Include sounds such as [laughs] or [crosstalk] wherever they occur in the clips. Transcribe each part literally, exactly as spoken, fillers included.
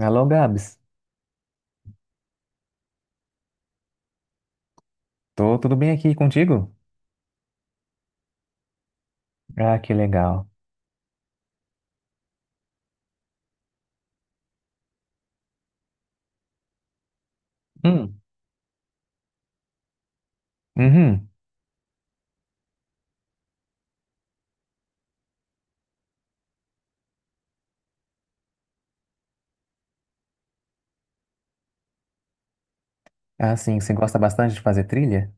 Alô, Gabs. Tô tudo bem aqui contigo? Ah, que legal. Hum. Uhum. Ah, sim, você gosta bastante de fazer trilha?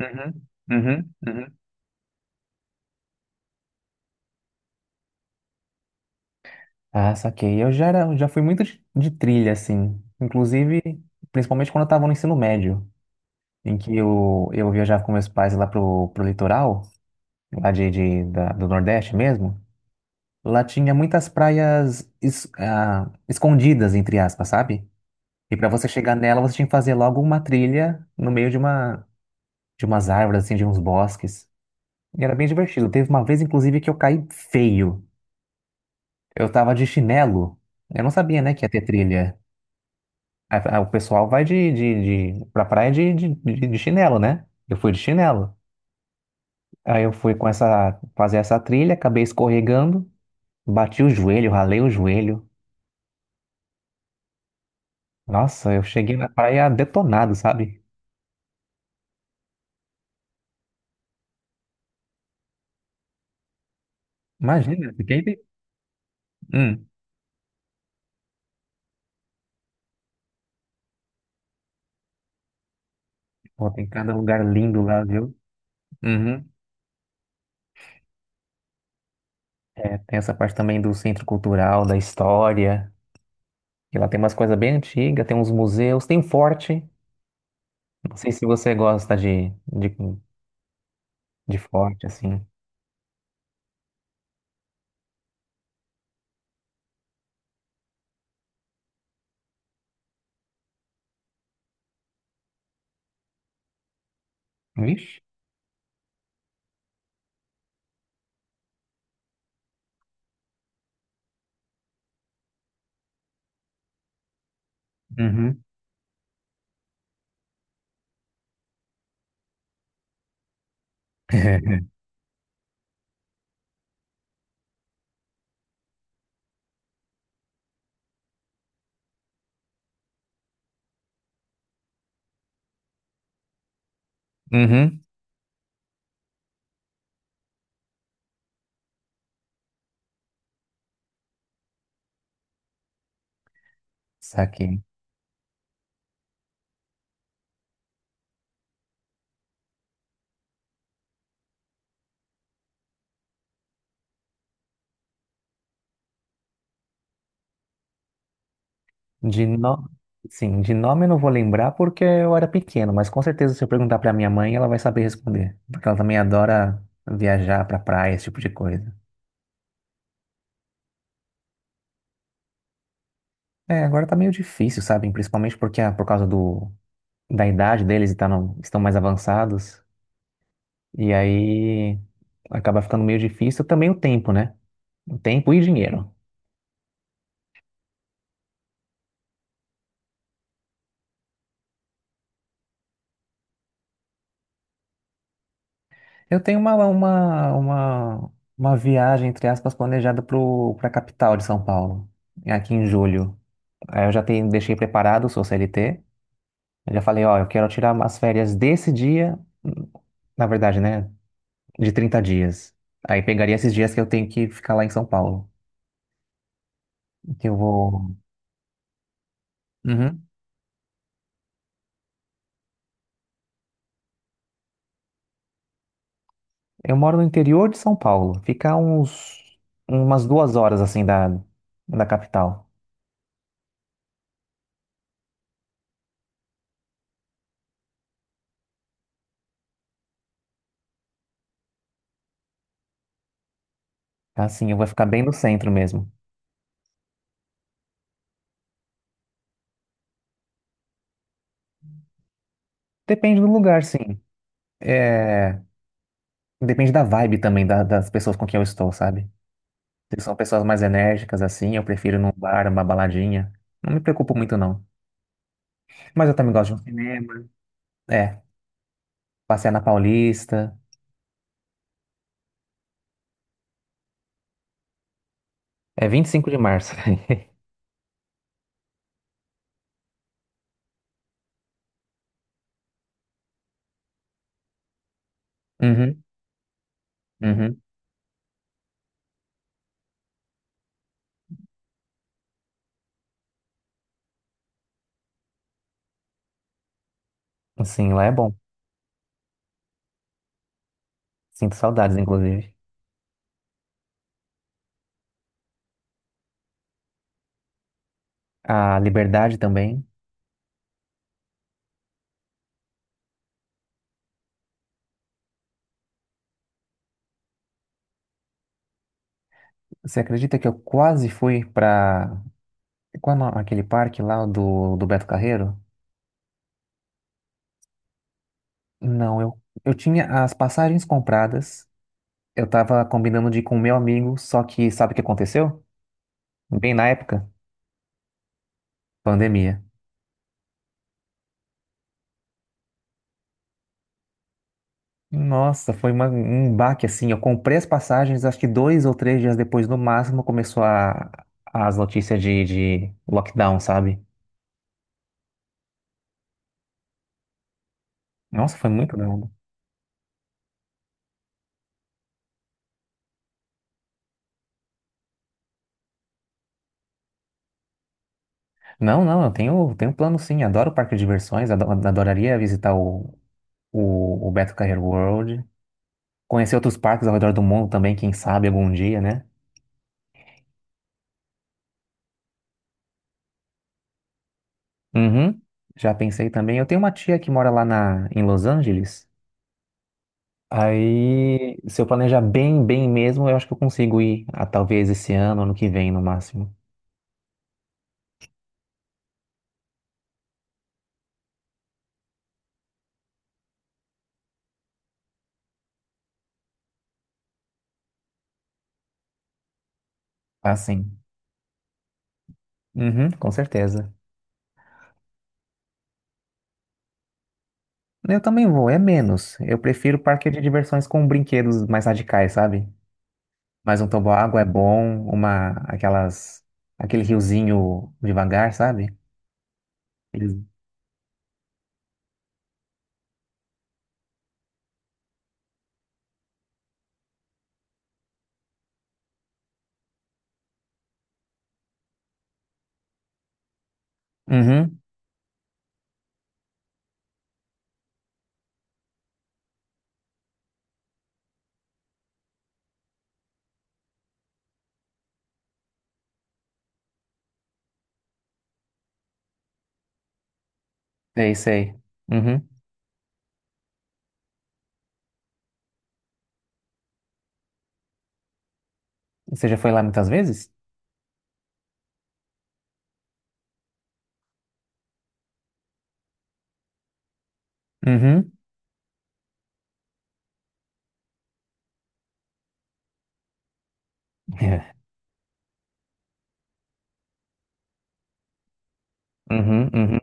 Uhum. Uhum. Uhum. Ah, saquei. Eu já era, já fui muito de, de trilha, assim. Inclusive, principalmente quando eu tava no ensino médio, em que eu, eu viajava com meus pais lá pro, pro litoral, lá de, de- da- do Nordeste mesmo. Lá tinha muitas praias es- ah, escondidas, entre aspas, sabe? E para você chegar nela, você tinha que fazer logo uma trilha no meio de uma de umas árvores, assim, de uns bosques. E era bem divertido. Teve uma vez, inclusive, que eu caí feio. Eu tava de chinelo. Eu não sabia, né, que ia ter trilha. A- a- O pessoal vai de, de, de pra praia de, de, de- de chinelo, né? Eu fui de chinelo. Aí eu fui com essa, fazer essa trilha, acabei escorregando, bati o joelho, ralei o joelho. Nossa, eu cheguei na praia detonado, sabe? Imagina, fiquei. Hum, pô, tem cada lugar lindo lá, viu? Uhum. É, tem essa parte também do centro cultural, da história. E lá tem umas coisas bem antigas, tem uns museus, tem um forte. Não sei se você gosta de, de, de forte, assim. Vixe. Uhum. [laughs] Uhum. Saquei. De no... Sim, de nome eu não vou lembrar porque eu era pequeno, mas com certeza se eu perguntar pra minha mãe, ela vai saber responder. Porque ela também adora viajar pra praia, esse tipo de coisa. É, agora tá meio difícil, sabe? Principalmente porque ah, por causa do, da idade deles e tá no- estão mais avançados. E aí acaba ficando meio difícil também o tempo, né? O tempo e dinheiro. Eu tenho uma, uma, uma, uma viagem, entre aspas, planejada para a capital de São Paulo, é aqui em julho. Aí eu já tenho, deixei preparado, sou C L T. Eu já falei, ó, eu quero tirar umas férias desse dia, na verdade, né? De trinta dias. Aí pegaria esses dias que eu tenho que ficar lá em São Paulo. Que eu vou. Uhum. Eu moro no interior de São Paulo. Fica uns umas duas horas assim da, da capital. Assim, eu vou ficar bem no centro mesmo. Depende do lugar, sim. É, depende da vibe também da- das pessoas com quem eu estou, sabe? Se são pessoas mais enérgicas assim, eu prefiro ir num bar, uma baladinha. Não me preocupo muito não. Mas eu também gosto de um cinema. É, passear na Paulista. É vinte e cinco de março. [laughs] Uhum, uhum. Sim, lá é bom. Sinto saudades, inclusive. A liberdade também. Você acredita que eu quase fui pra. Qual é o nome- aquele parque lá do, do Beto Carreiro? Não, eu, eu tinha as passagens compradas. Eu tava combinando de ir com meu amigo, só que sabe o que aconteceu? Bem na época, pandemia. Nossa, foi uma- um baque assim. Eu comprei as passagens, acho que dois ou três dias depois, no máximo, começou a, as notícias de, de lockdown, sabe? Nossa, foi muito doido. Não, não, eu tenho, tenho plano sim. Adoro parque de diversões, ado- adoraria visitar o o, o Beto Carreiro World. Conhecer outros parques ao redor do mundo também, quem sabe algum dia, né? Uhum. Já pensei também. Eu tenho uma tia que mora lá na, em Los Angeles. Aí, se eu planejar bem, bem mesmo, eu acho que eu consigo ir, a, talvez esse ano, ano que vem, no máximo. Assim. Uhum, com certeza. Eu também vou, é menos. Eu prefiro parque de diversões com brinquedos mais radicais, sabe? Mas um toboágua é bom, uma, aquelas, aquele riozinho devagar, sabe? Eles- Uhum. Sei, sei. Uhum. Você já foi lá muitas vezes? Uhum. [laughs] Uhum, uhum.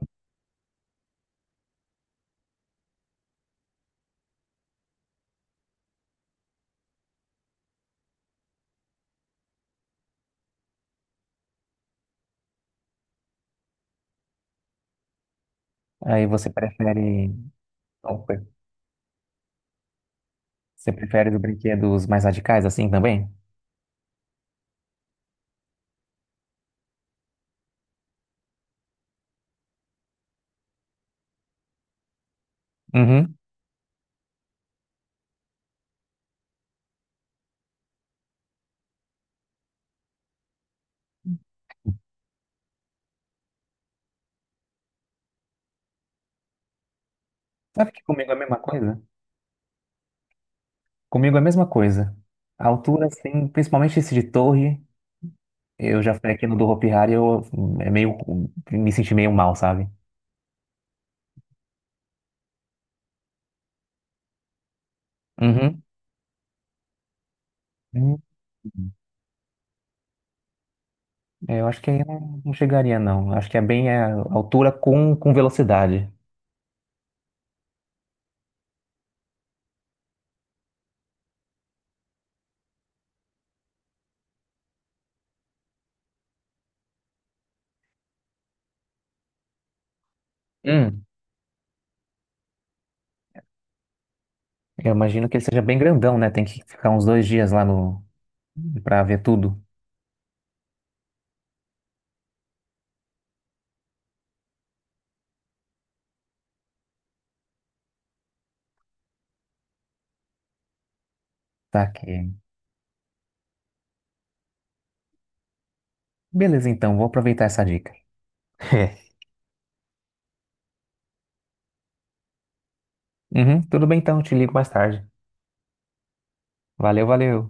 Aí você prefere. Opa. Você prefere os brinquedos mais radicais assim também? Uhum. Sabe que comigo é a mesma coisa? Comigo é a mesma coisa. A altura, assim, principalmente esse de torre, eu já fui aqui no do Hopi Hari, eu é meio, me senti meio mal, sabe? Uhum. Uhum. É, eu acho que aí não, não chegaria, não. Acho que é bem a altura com, com velocidade. Eu imagino que ele seja bem grandão, né? Tem que ficar uns dois dias lá no para ver tudo. Tá que. Beleza, então, vou aproveitar essa dica. [laughs] Uhum, tudo bem então, te ligo mais tarde. Valeu, valeu.